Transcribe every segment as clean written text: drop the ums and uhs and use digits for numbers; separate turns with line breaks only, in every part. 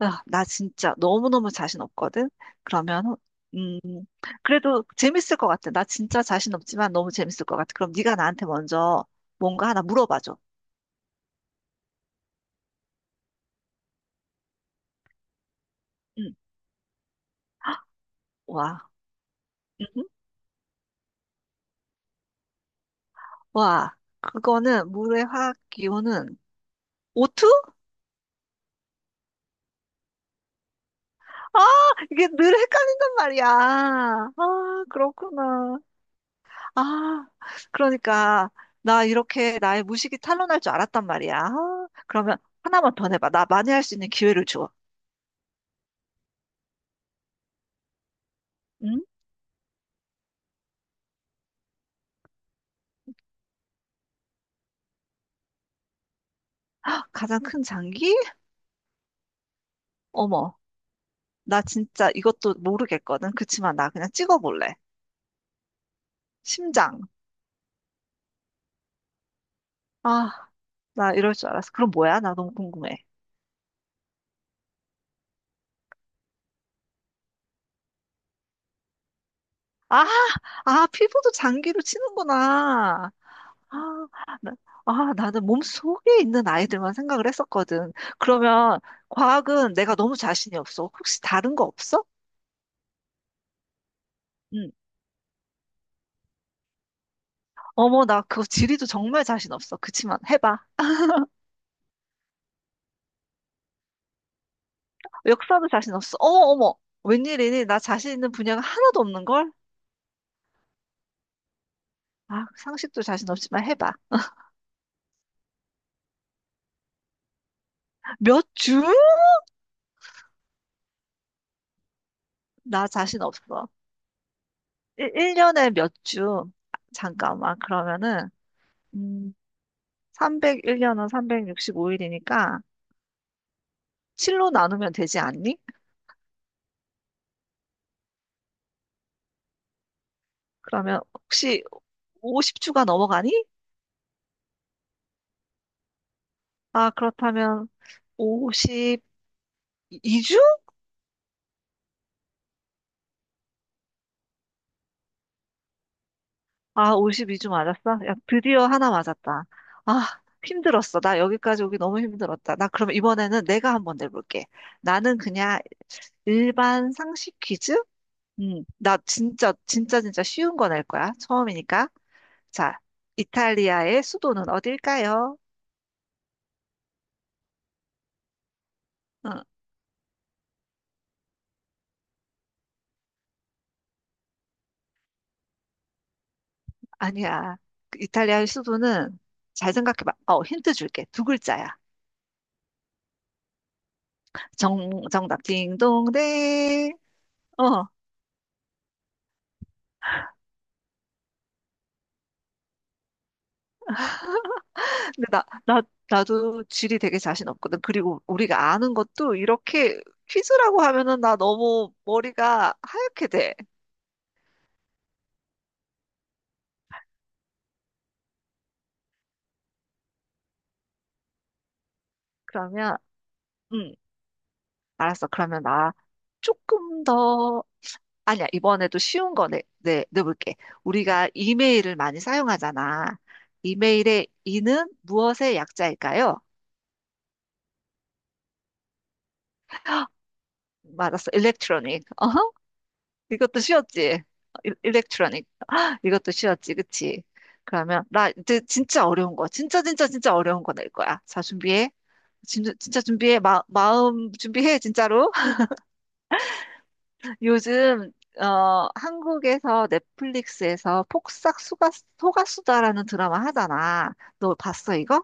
아, 나 진짜 너무너무 자신 없거든? 그러면, 음, 그래도 재밌을 것 같아. 나 진짜 자신 없지만 너무 재밌을 것 같아. 그럼 네가 나한테 먼저 뭔가 하나 물어봐줘. 응, 와, 음, 와, 그거는 물의 화학 기호는 O2? 아, 이게 늘 헷갈린단 말이야. 아, 그렇구나. 아, 그러니까 나 이렇게 나의 무식이 탄로날 줄 알았단 말이야. 아, 그러면 하나만 더 내봐. 나 만회할 수 있는 기회를 줘. 응? 가장 큰 장기? 어머, 나 진짜 이것도 모르겠거든. 그치만 나 그냥 찍어볼래. 심장. 아, 나 이럴 줄 알았어. 그럼 뭐야? 나 너무 궁금해. 아, 아, 피부도 장기로 치는구나. 아, 나, 아, 나는 몸 속에 있는 아이들만 생각을 했었거든. 그러면 과학은 내가 너무 자신이 없어. 혹시 다른 거 없어? 응. 어머, 나 그거 지리도 정말 자신 없어. 그치만 해봐. 역사도 자신 없어. 어머, 어머. 웬일이니? 나 자신 있는 분야가 하나도 없는 걸? 아, 상식도 자신 없지만 해봐. 몇 주? 나 자신 없어. 일년에몇 주? 아, 잠깐만. 그러면은, 음, 301년은 365일이니까 7로 나누면 되지 않니? 그러면 혹시 50주가 넘어가니? 아, 그렇다면 52주? 아, 52주 맞았어? 야, 드디어 하나 맞았다. 아, 힘들었어. 나 여기까지 오기 너무 힘들었다. 나 그럼 이번에는 내가 한번 내볼게. 나는 그냥 일반 상식 퀴즈? 나 진짜, 진짜, 진짜 쉬운 거 낼 거야. 처음이니까. 자, 이탈리아의 수도는 어딜까요? 응, 아니야. 그 이탈리아의 수도는 잘 생각해봐. 어, 힌트 줄게. 두 글자야. 정답. 딩동댕. 어. 근데 나도 지리 되게 자신 없거든. 그리고 우리가 아는 것도 이렇게 퀴즈라고 하면은 나 너무 머리가 하얗게 돼. 그러면, 응, 알았어. 그러면 나 조금 더, 아니야. 이번에도 쉬운 거 내볼게. 우리가 이메일을 많이 사용하잖아. 이메일의 이는 무엇의 약자일까요? 맞았어. 일렉트로닉. 어허? 이것도 쉬웠지? 일렉트로닉. 이것도 쉬웠지, 그치? 그러면, 나 이제 진짜 어려운 거. 진짜, 진짜, 진짜 어려운 거 낼 거야. 자, 준비해. 진짜, 진짜 준비해. 마음 준비해, 진짜로. 요즘, 어, 한국에서 넷플릭스에서 폭삭 소가수다라는 드라마 하잖아. 너 봤어, 이거?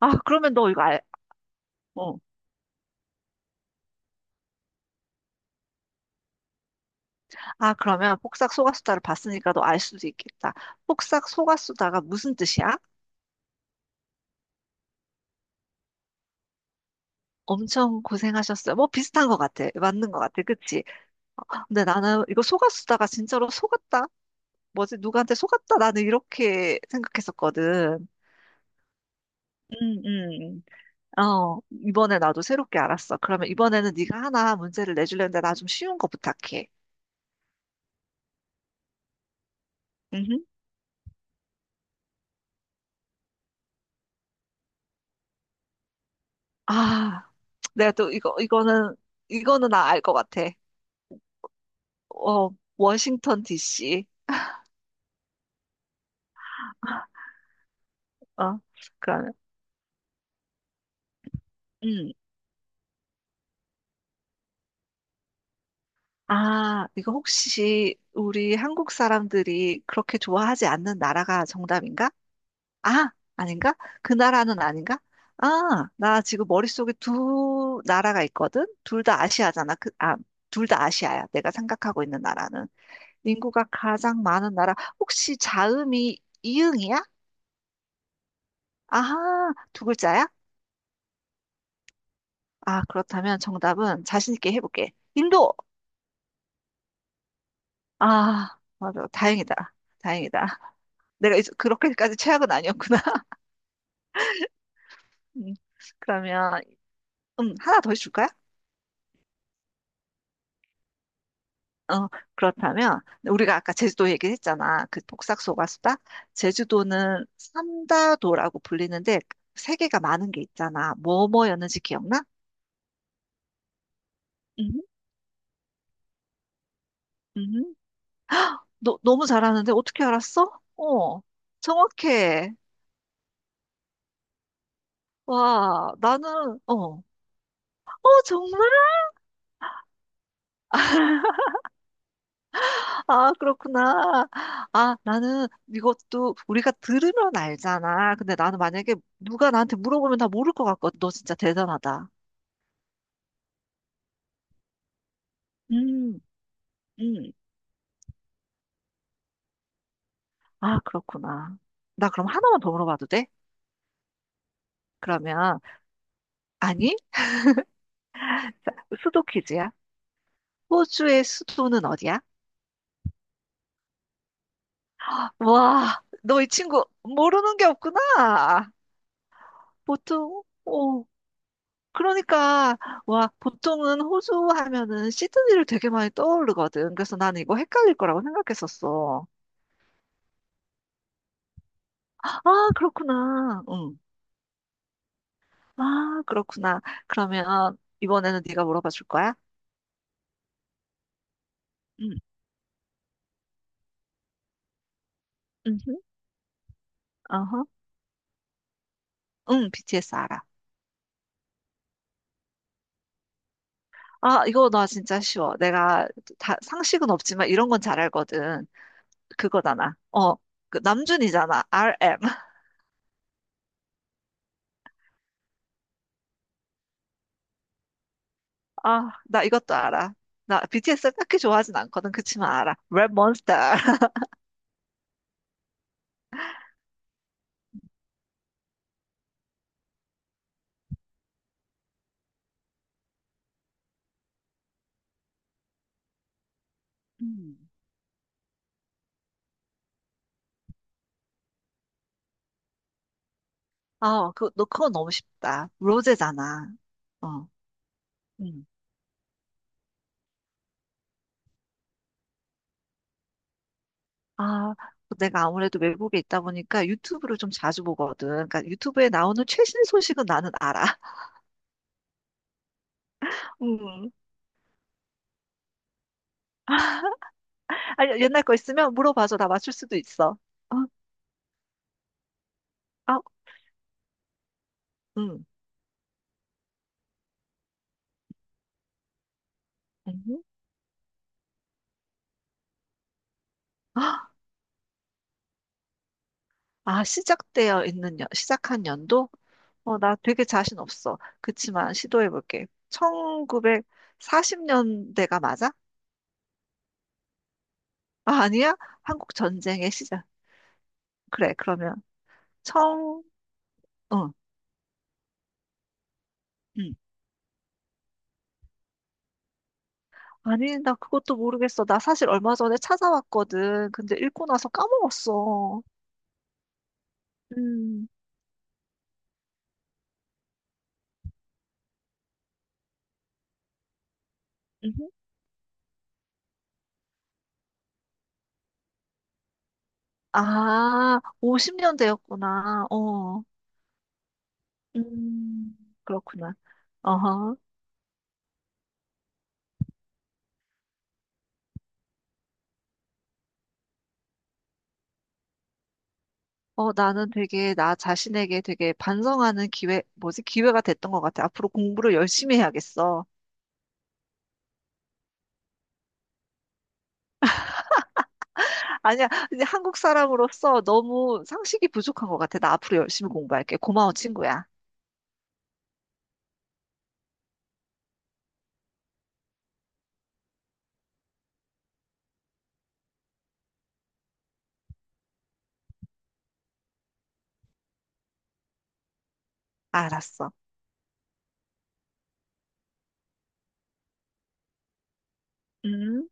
아, 그러면 너 이거 알, 어. 아, 그러면 폭삭 소가수다를 봤으니까 너 알 수도 있겠다. 폭삭 소가수다가 무슨 뜻이야? 엄청 고생하셨어요. 뭐 비슷한 것 같아. 맞는 것 같아. 그치? 근데 나는 이거 속았다가 진짜로 속았다? 뭐지? 누구한테 속았다? 나는 이렇게 생각했었거든. 음, 음. 어, 이번에 나도 새롭게 알았어. 그러면 이번에는 네가 하나 문제를 내주려는데 나 좀 쉬운 거 부탁해. 음 아, 내가 또 이거는 나 알 것 같아. 어, 워싱턴 DC. 어, 그러면. 음. 아, 이거 혹시 우리 한국 사람들이 그렇게 좋아하지 않는 나라가 정답인가? 아, 아닌가? 그 나라는 아닌가? 아, 나 지금 머릿속에 두 나라가 있거든? 둘 다 아시아잖아. 둘 다 아시아야. 내가 생각하고 있는 나라는. 인구가 가장 많은 나라. 혹시 자음이 이응이야? 아하, 두 글자야? 아, 그렇다면 정답은 자신 있게 해볼게. 인도! 아, 맞아. 다행이다. 다행이다. 내가 이제 그렇게까지 최악은 아니었구나. 음, 그러면, 하나 더 해줄까? 어, 그렇다면 우리가 아까 제주도 얘기했잖아. 그 폭삭소가수다. 제주도는 삼다도라고 불리는데 세계가 많은 게 있잖아. 뭐뭐였는지 기억나? 음, 음. 너무 잘하는데 어떻게 알았어? 어, 정확해. 와, 나는 어, 어 정말? 아, 그렇구나. 아, 나는 이것도 우리가 들으면 알잖아. 근데 나는 만약에 누가 나한테 물어보면 다 모를 것 같거든. 너 진짜 대단하다. 음, 음. 아, 그렇구나. 나 그럼 하나만 더 물어봐도 돼? 그러면, 아니, 수도 퀴즈야. 호주의 수도는 어디야? 와, 너 이 친구 모르는 게 없구나. 오, 그러니까, 와, 보통은 호주 하면은 시드니를 되게 많이 떠오르거든. 그래서 나는 이거 헷갈릴 거라고 생각했었어. 아, 그렇구나. 응. 아, 그렇구나. 그러면 이번에는 네가 물어봐 줄 거야? 응. 응 어허. 응, BTS 알아. 아, 이거 나 진짜 쉬워. 내가 다, 상식은 없지만 이런 건 잘 알거든. 그거잖아. 어, 그 남준이잖아. RM. 아, 나 이것도 알아. 나 BTS를 딱히 좋아하진 않거든. 그치만 알아. 레몬스터. 음. 아, 너 그건 너무 쉽다. 로제잖아. 어, 음. 아, 내가 아무래도 외국에 있다 보니까 유튜브를 좀 자주 보거든. 그러니까 유튜브에 나오는 최신 소식은 나는 알아. 음. 아니, 옛날 거 있으면 물어봐줘. 나 맞출 수도 있어. 어? 아, 응. 응? 아, 아, 시작한 연도? 어, 나 되게 자신 없어. 그치만 시도해볼게. 1940년대가 맞아? 아, 아니야? 한국 전쟁의 시작. 그래, 그러면. 청, 응, 응. 아니, 나 그것도 모르겠어. 나 사실 얼마 전에 찾아왔거든. 근데 읽고 나서 까먹었어. 음, 음흠. 아, 50년대였구나. 어, 음, 그렇구나. 어허 나는 되게 나 자신에게 되게 반성하는 기회, 뭐지, 기회가 됐던 것 같아. 앞으로 공부를 열심히 해야겠어. 아니야, 근데 한국 사람으로서 너무 상식이 부족한 것 같아. 나 앞으로 열심히 공부할게. 고마워, 친구야. 알았어. 음.